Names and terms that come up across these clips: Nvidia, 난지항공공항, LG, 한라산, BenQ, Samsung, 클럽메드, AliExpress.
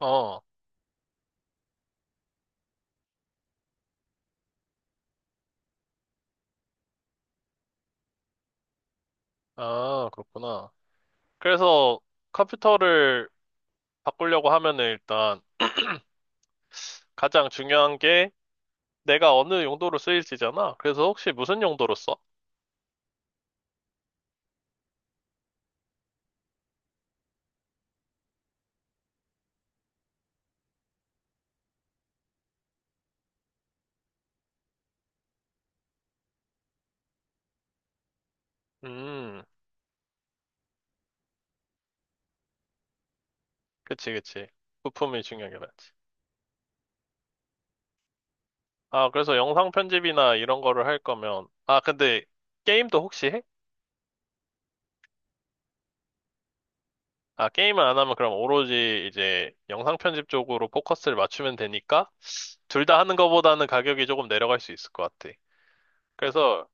어, 아, 그렇구나. 그래서 컴퓨터를 바꾸려고 하면은 일단 가장 중요한 게 내가 어느 용도로 쓰일지잖아. 그래서 혹시 무슨 용도로 써? 음, 그치, 그치. 부품이 중요하긴 하지. 아, 그래서 영상 편집이나 이런 거를 할 거면, 아, 근데 게임도 혹시 해? 아, 게임을 안 하면 그럼 오로지 이제 영상 편집 쪽으로 포커스를 맞추면 되니까 둘 다 하는 거보다는 가격이 조금 내려갈 수 있을 것 같아. 그래서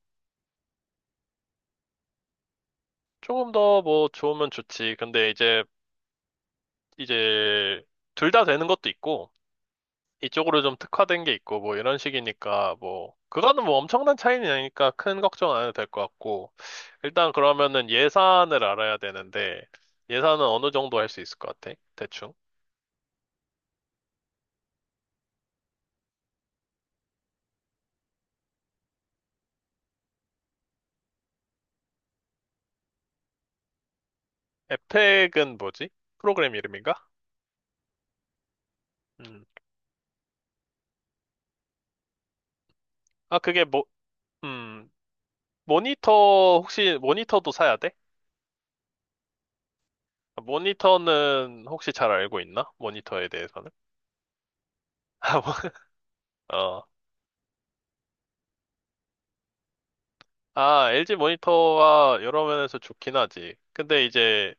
조금 더 뭐 좋으면 좋지. 근데 이제 둘 다 되는 것도 있고 이쪽으로 좀 특화된 게 있고 뭐 이런 식이니까 뭐 그거는 뭐 엄청난 차이는 아니니까 큰 걱정 안 해도 될 것 같고 일단 그러면은 예산을 알아야 되는데 예산은 어느 정도 할 수 있을 것 같아? 대충. 에펙은 뭐지? 프로그램 이름인가? 음. 아 그게 뭐 음. 모니터 혹시 모니터도 사야 돼? 모니터는 혹시 잘 알고 있나? 모니터에 대해서는? 아, 뭐, 어. 아, LG 모니터가 여러 면에서 좋긴 하지. 근데 이제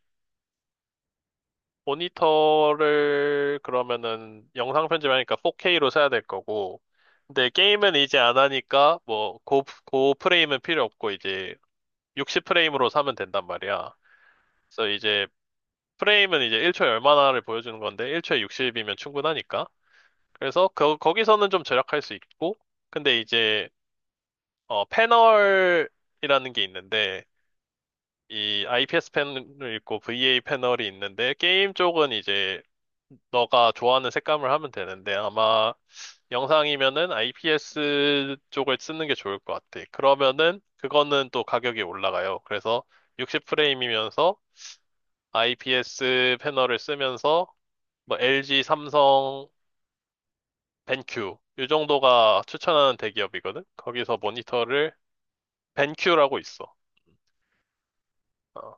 모니터를 그러면은 영상 편집하니까 4K로 사야 될 거고. 근데 게임은 이제 안 하니까 뭐 고 프레임은 필요 없고 이제 60 프레임으로 사면 된단 말이야. 그래서 이제 프레임은 이제 1초에 얼마나를 보여주는 건데 1초에 60이면 충분하니까. 그래서 거기서는 좀 절약할 수 있고. 근데 이제 패널이라는 게 있는데 이 IPS 패널이 있고 VA 패널이 있는데 게임 쪽은 이제 너가 좋아하는 색감을 하면 되는데 아마 영상이면은 IPS 쪽을 쓰는 게 좋을 것 같아. 그러면은 그거는 또 가격이 올라가요. 그래서 60프레임이면서 IPS 패널을 쓰면서 뭐 LG, 삼성, 벤큐 이 정도가 추천하는 대기업이거든. 거기서 모니터를 벤큐라고 있어. 어.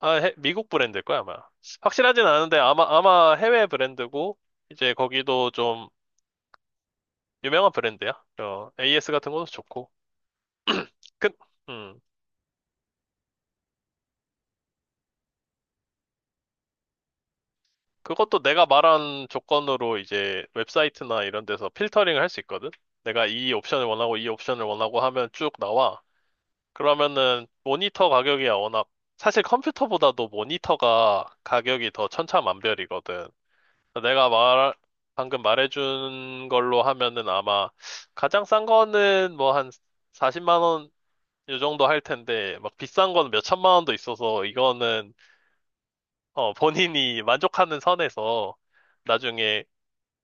아, 미국 브랜드일 거야, 아마. 확실하진 않은데, 아마 해외 브랜드고, 이제 거기도 좀 유명한 브랜드야. AS 같은 것도 좋고. 그, 음, 그것도 내가 말한 조건으로 이제 웹사이트나 이런 데서 필터링을 할 수 있거든? 내가 이 옵션을 원하고 이 옵션을 원하고 하면 쭉 나와. 그러면은 모니터 가격이야, 워낙. 사실 컴퓨터보다도 모니터가 가격이 더 천차만별이거든. 내가 말, 방금 말해준 걸로 하면은 아마 가장 싼 거는 뭐 한 40만 원 요 정도 할 텐데 막 비싼 거는 몇 천만 원도 있어서 이거는 어, 본인이 만족하는 선에서 나중에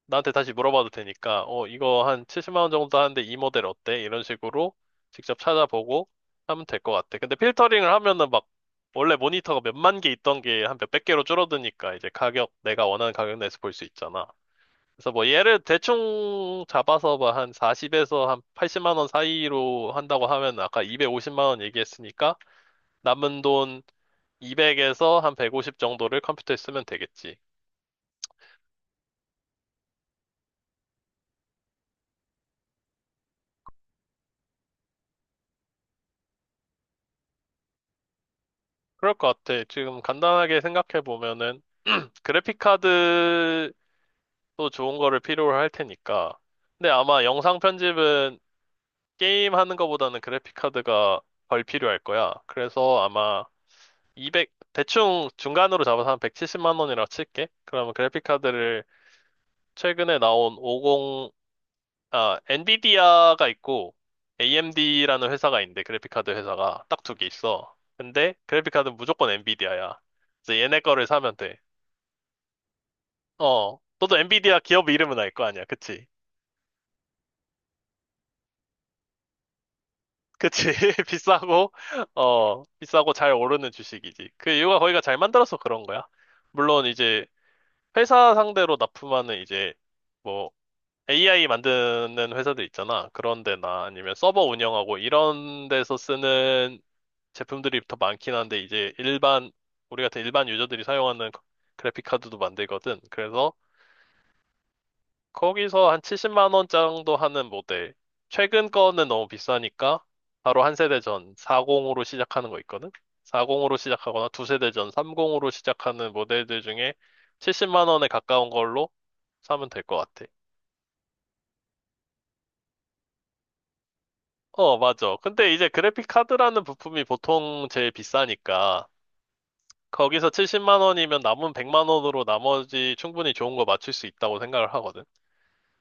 나한테 다시 물어봐도 되니까 어, 이거 한 70만 원 정도 하는데 이 모델 어때? 이런 식으로 직접 찾아보고 하면 될 것 같아. 근데 필터링을 하면은 막 원래 모니터가 몇만 개 있던 게 한 몇백 개로 줄어드니까 이제 가격 내가 원하는 가격 내에서 볼 수 있잖아. 그래서 뭐 얘를 대충 잡아서 뭐 한 40에서 한 80만 원 사이로 한다고 하면 아까 250만 원 얘기했으니까 남은 돈 200에서 한 150 정도를 컴퓨터에 쓰면 되겠지. 그럴 것 같아. 지금 간단하게 생각해 보면은 그래픽 카드도 좋은 거를 필요로 할 테니까. 근데 아마 영상 편집은 게임 하는 거보다는 그래픽 카드가 덜 필요할 거야. 그래서 아마 200, 대충 중간으로 잡아서 한 170만 원이라고 칠게. 그러면 그래픽카드를 최근에 나온 50, 아, 엔비디아가 있고, AMD라는 회사가 있는데, 그래픽카드 회사가 딱 두 개 있어. 근데 그래픽카드는 무조건 엔비디아야. 그래서 얘네 거를 사면 돼. 너도 엔비디아 기업 이름은 알 거 아니야. 그치? 그치? 비싸고, 비싸고 잘 오르는 주식이지. 그 이유가 거기가 잘 만들어서 그런 거야. 물론 이제 회사 상대로 납품하는 이제, 뭐 AI 만드는 회사들 있잖아. 그런 데나 아니면 서버 운영하고 이런 데서 쓰는 제품들이 더 많긴 한데 이제 일반 우리 같은 일반 유저들이 사용하는 그래픽 카드도 만들거든. 그래서 거기서 한 70만 원 정도 하는 모델. 최근 거는 너무 비싸니까 바로 한 세대 전 40으로 시작하는 거 있거든. 40으로 시작하거나 두 세대 전 30으로 시작하는 모델들 중에 70만 원에 가까운 걸로 사면 될 것 같아. 어, 맞아. 근데 이제 그래픽 카드라는 부품이 보통 제일 비싸니까 거기서 70만 원이면 남은 100만 원으로 나머지 충분히 좋은 거 맞출 수 있다고 생각을 하거든.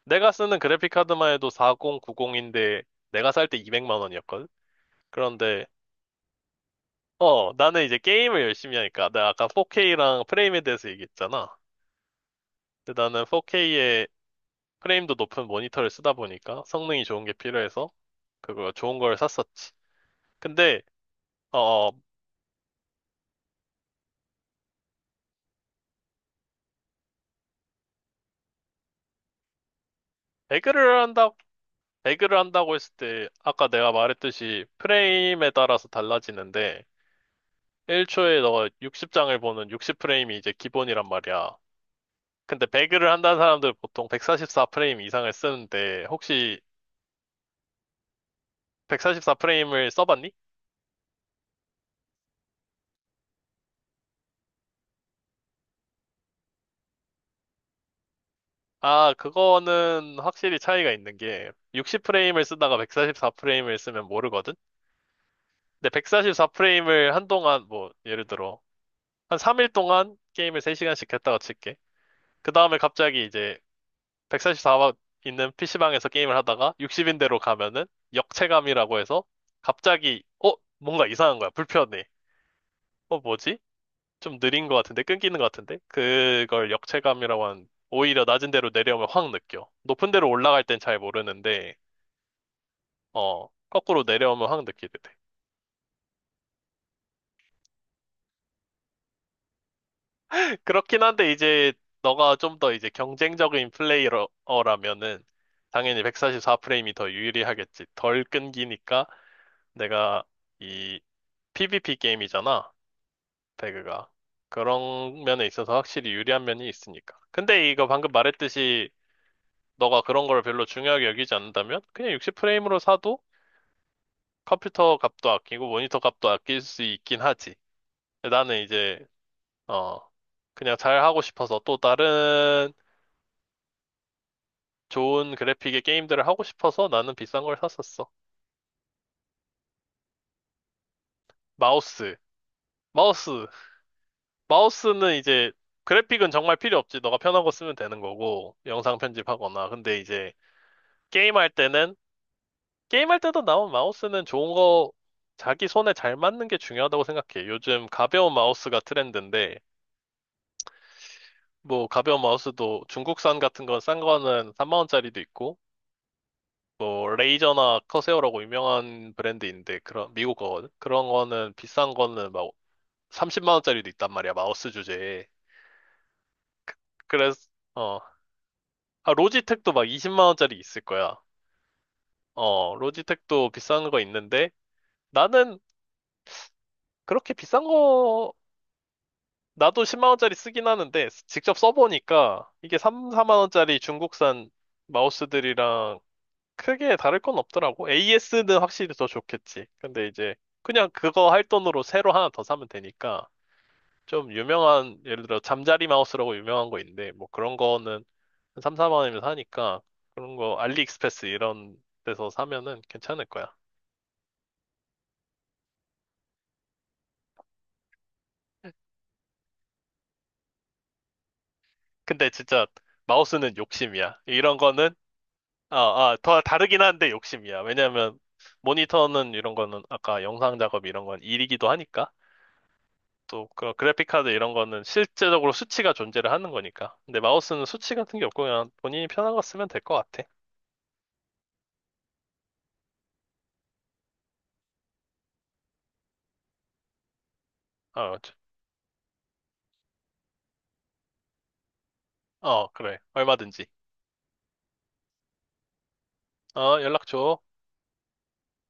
내가 쓰는 그래픽 카드만 해도 4090인데 내가 살 때 200만 원이었거든. 그런데 나는 이제 게임을 열심히 하니까 내가 아까 4K랑 프레임에 대해서 얘기했잖아. 근데 나는 4K에 프레임도 높은 모니터를 쓰다 보니까 성능이 좋은 게 필요해서 그거 좋은 걸 샀었지. 근데 어, 어, 배그를 한다 배그를 한다고 했을 때 아까 내가 말했듯이 프레임에 따라서 달라지는데 1초에 너가 60장을 보는 60프레임이 이제 기본이란 말이야. 근데 배그를 한다는 사람들 보통 144프레임 이상을 쓰는데 혹시 144프레임을 써봤니? 아, 그거는 확실히 차이가 있는 게 60프레임을 쓰다가 144프레임을 쓰면 모르거든? 근데 144프레임을 한동안 뭐 예를 들어 한 3일 동안 게임을 3시간씩 했다가 칠게. 그 다음에 갑자기 이제 144만 있는 PC방에서 게임을 하다가 60인대로 가면은 역체감이라고 해서 갑자기 어? 뭔가 이상한 거야. 불편해. 뭐지? 좀 느린 것 같은데? 끊기는 것 같은데? 그걸 역체감이라고 하는 오히려 낮은 데로 내려오면 확 느껴. 높은 데로 올라갈 땐 잘 모르는데 어, 거꾸로 내려오면 확 느끼게 돼. 그렇긴 한데 이제 너가 좀 더 이제 경쟁적인 플레이어라면은 당연히 144프레임이 더 유리하겠지. 덜 끊기니까 내가 이 PVP 게임이잖아, 배그가. 그런 면에 있어서 확실히 유리한 면이 있으니까. 근데 이거 방금 말했듯이 너가 그런 걸 별로 중요하게 여기지 않는다면 그냥 60프레임으로 사도 컴퓨터 값도 아끼고 모니터 값도 아낄 수 있긴 하지. 근데 나는 이제, 어, 그냥 잘 하고 싶어서 또 다른 좋은 그래픽의 게임들을 하고 싶어서 나는 비싼 걸 샀었어. 마우스. 마우스. 마우스는 이제 그래픽은 정말 필요 없지. 너가 편한 거 쓰면 되는 거고, 영상 편집하거나. 근데 이제 게임할 때는, 게임할 때도 나온 마우스는 좋은 거, 자기 손에 잘 맞는 게 중요하다고 생각해. 요즘 가벼운 마우스가 트렌드인데, 뭐, 가벼운 마우스도 중국산 같은 건 싼 거는 3만원짜리도 있고, 뭐, 레이저나 커세어라고 유명한 브랜드인데, 그런, 미국 거거든? 그런 거는 비싼 거는 막 30만원짜리도 있단 말이야, 마우스 주제에. 그래서, 어, 아, 로지텍도 막 20만원짜리 있을 거야. 어, 로지텍도 비싼 거 있는데, 나는 그렇게 비싼 거 나도 10만 원짜리 쓰긴 하는데 직접 써보니까 이게 3, 4만 원짜리 중국산 마우스들이랑 크게 다를 건 없더라고. AS는 확실히 더 좋겠지. 근데 이제 그냥 그거 할 돈으로 새로 하나 더 사면 되니까 좀 유명한 예를 들어 잠자리 마우스라고 유명한 거 있는데 뭐 그런 거는 한 3, 4만 원이면 사니까 그런 거 알리익스프레스 이런 데서 사면은 괜찮을 거야. 근데 진짜 마우스는 욕심이야. 이런 거는 아, 아, 더 다르긴 한데 욕심이야. 왜냐면 모니터는 이런 거는 아까 영상 작업 이런 건 일이기도 하니까. 또 그런 그래픽 카드 이런 거는 실제적으로 수치가 존재를 하는 거니까. 근데 마우스는 수치 같은 게 없고 그냥 본인이 편한 거 쓰면 될 것 같아. 어, 저- 어, 그래. 얼마든지. 어, 연락 줘.